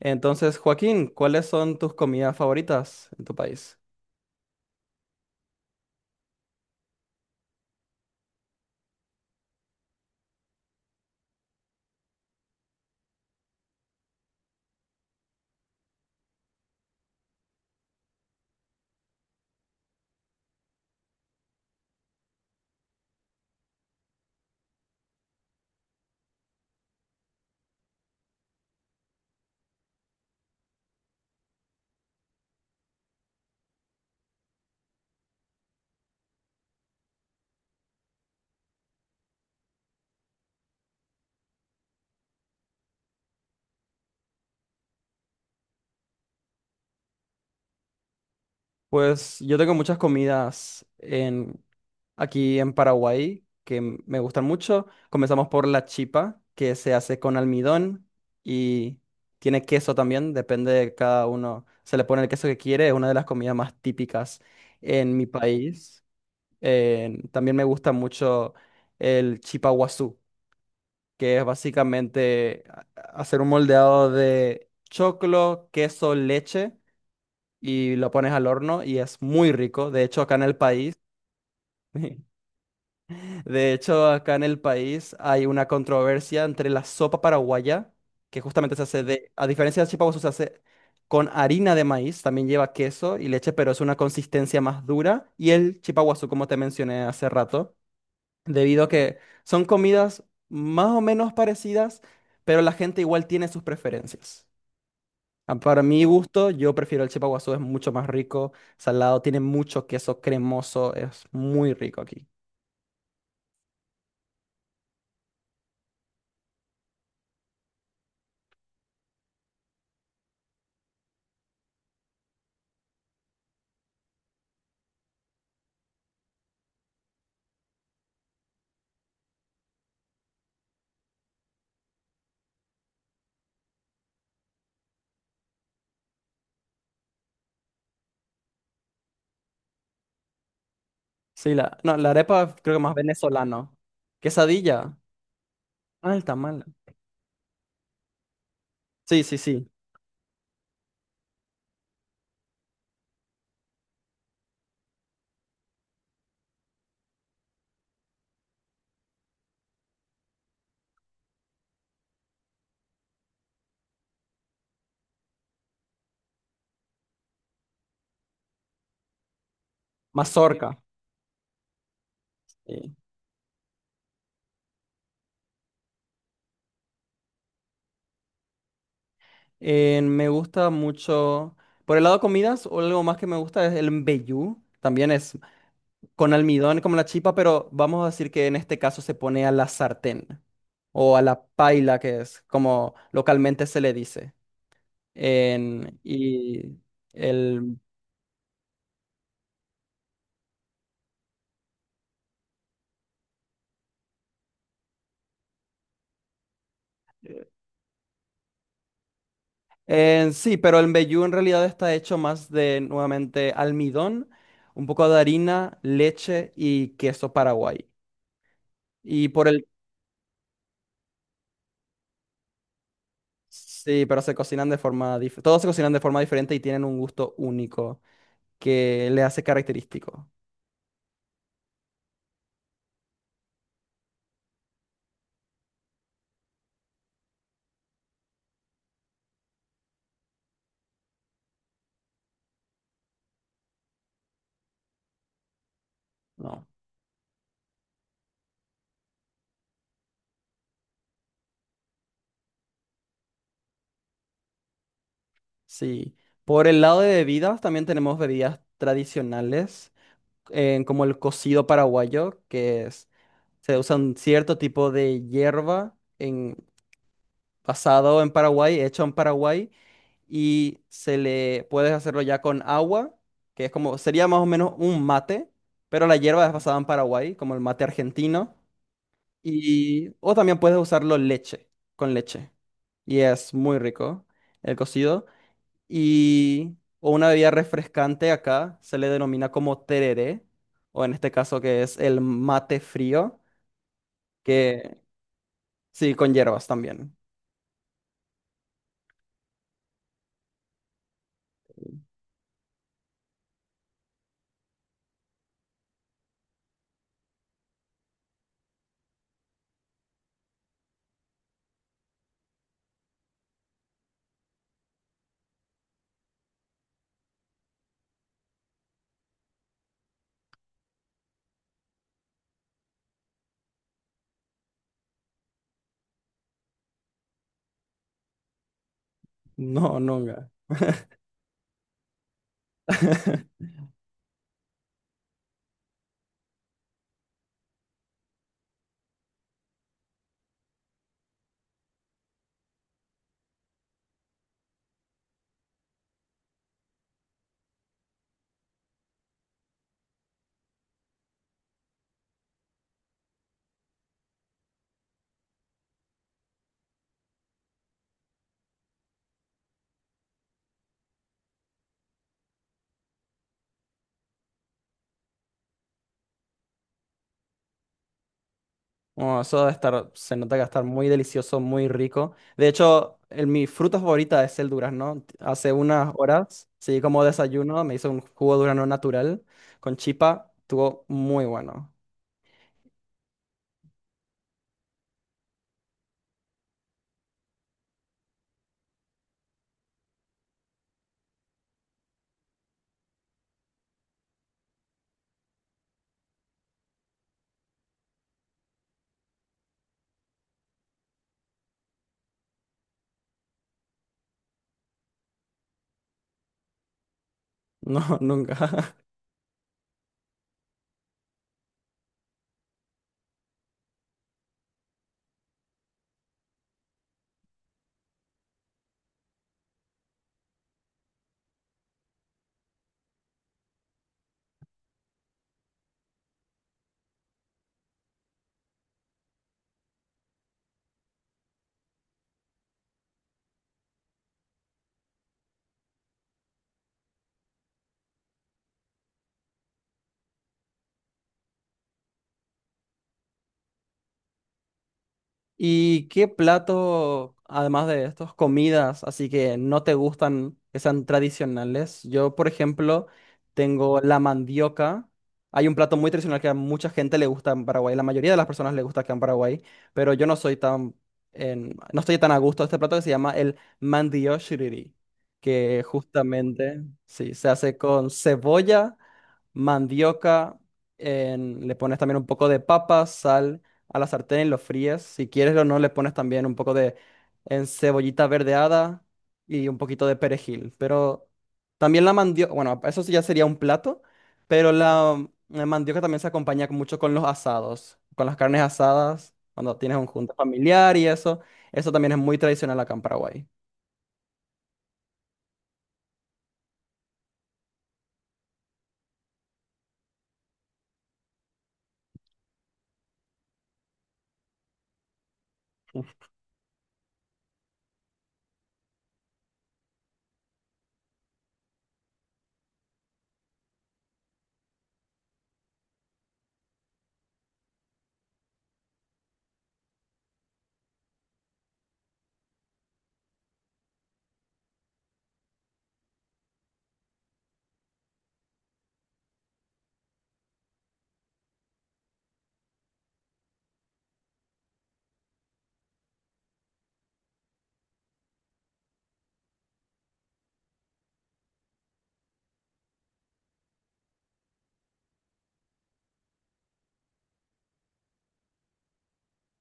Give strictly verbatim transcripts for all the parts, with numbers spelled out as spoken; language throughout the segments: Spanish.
Entonces, Joaquín, ¿cuáles son tus comidas favoritas en tu país? Pues yo tengo muchas comidas en, aquí en Paraguay que m- me gustan mucho. Comenzamos por la chipa, que se hace con almidón y tiene queso también, depende de cada uno. Se le pone el queso que quiere, es una de las comidas más típicas en mi país. Eh, también me gusta mucho el chipa guazú, que es básicamente a- hacer un moldeado de choclo, queso, leche y lo pones al horno y es muy rico. De hecho, acá en el país, de hecho, acá en el país hay una controversia entre la sopa paraguaya, que justamente se hace de, a diferencia del chipa se hace con harina de maíz, también lleva queso y leche, pero es una consistencia más dura, y el chipa guazú, como te mencioné hace rato debido a que son comidas más o menos parecidas, pero la gente igual tiene sus preferencias. Ah, para mi gusto, yo prefiero el chipaguazú, es mucho más rico, salado, tiene mucho queso cremoso, es muy rico aquí. Sí, la, no, la arepa creo que más venezolano. Quesadilla, ah, el tamal. Sí, sí, sí, mazorca. Sí. Eh, me gusta mucho, por el lado de comidas, o algo más que me gusta es el mbejú, también es con almidón como la chipa, pero vamos a decir que en este caso se pone a la sartén o a la paila, que es como localmente se le dice. En, y el, en sí, pero el mbejú en realidad está hecho más de nuevamente almidón, un poco de harina, leche y queso paraguay. Y por el... Sí, pero se cocinan de forma dif- Todos se cocinan de forma diferente y tienen un gusto único que le hace característico. ¿No? Sí. Por el lado de bebidas, también tenemos bebidas tradicionales, eh, como el cocido paraguayo, que es, se usa un cierto tipo de hierba en, basado en Paraguay, hecho en Paraguay, y se le puedes hacerlo ya con agua, que es como, sería más o menos un mate, pero la hierba es basada en Paraguay, como el mate argentino, y, o también puedes usarlo leche, con leche, y es muy rico el cocido y o una bebida refrescante acá se le denomina como tereré, o en este caso que es el mate frío, que sí, con hierbas también. No, nunca. Oh, eso debe estar, se nota que va a estar muy delicioso, muy rico. De hecho, el- mi fruta favorita es el durazno. Hace unas horas, sí, como desayuno, me hice un jugo de durazno natural con chipa. Estuvo muy bueno. No, nunca. ¿Y qué plato, además de estos, comidas, así que no te gustan, que sean tradicionales? Yo, por ejemplo, tengo la mandioca. Hay un plato muy tradicional que a mucha gente le gusta en Paraguay, la mayoría de las personas le gusta acá en Paraguay, pero yo no soy tan, en- no estoy tan a gusto de este plato que se llama el mandioshiriri, que justamente, sí, se hace con cebolla mandioca, en- le pones también un poco de papa, sal a la sartén y lo fríes. Si quieres o no, le pones también un poco de en cebollita verdeada y un poquito de perejil. Pero también la mandioca, bueno, eso sí ya sería un plato, pero la, la mandioca también se acompaña mucho con los asados, con las carnes asadas, cuando tienes un junta familiar y eso. Eso también es muy tradicional acá en Paraguay.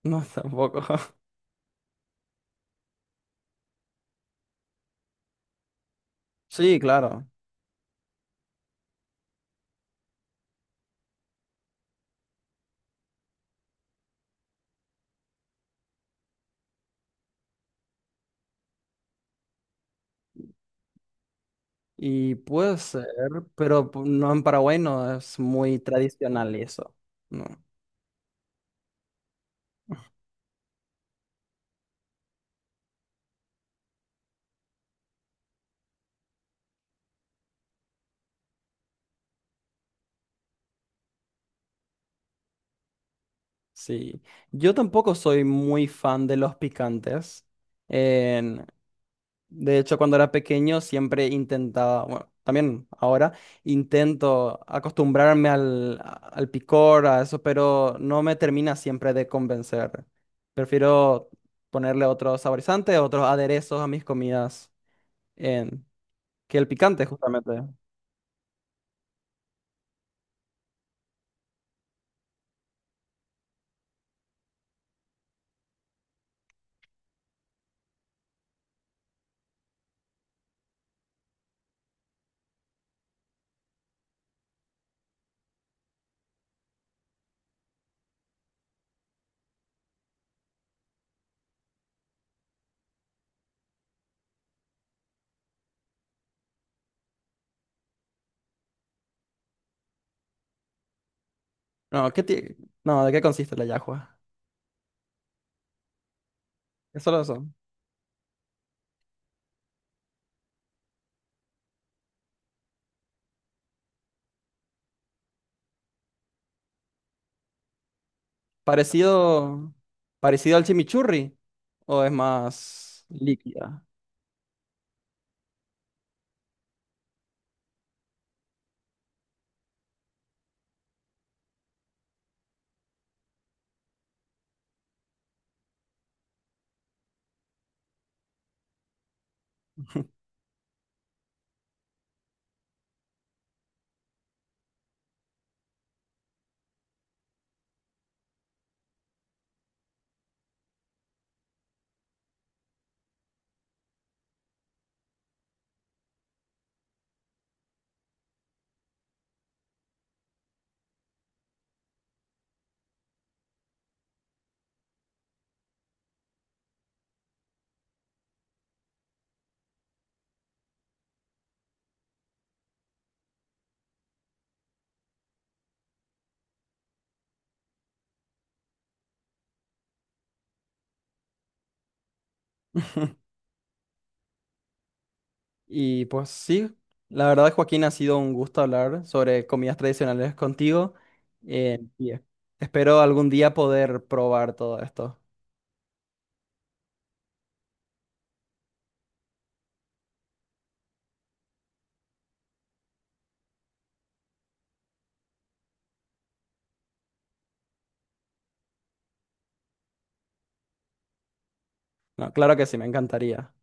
No, tampoco. Sí, claro. Y puede ser, pero pu- no en Paraguay no es muy tradicional eso. No, sí. Yo tampoco soy muy fan de los picantes. En- de hecho, cuando era pequeño siempre intentaba, bueno, también ahora intento acostumbrarme al, a- al picor, a eso, pero no me termina siempre de convencer. Prefiero ponerle otros saborizantes, otros aderezos a mis comidas en, que el picante, justamente. No, ¿qué ti- No, ¿de qué consiste la yahua? ¿Es solo eso? Parecido, parecido al chimichurri o es más líquida. Y pues sí, la verdad, Joaquín, ha sido un gusto hablar sobre comidas tradicionales contigo. eh, y es- Espero algún día poder probar todo esto. No, claro que sí, me encantaría.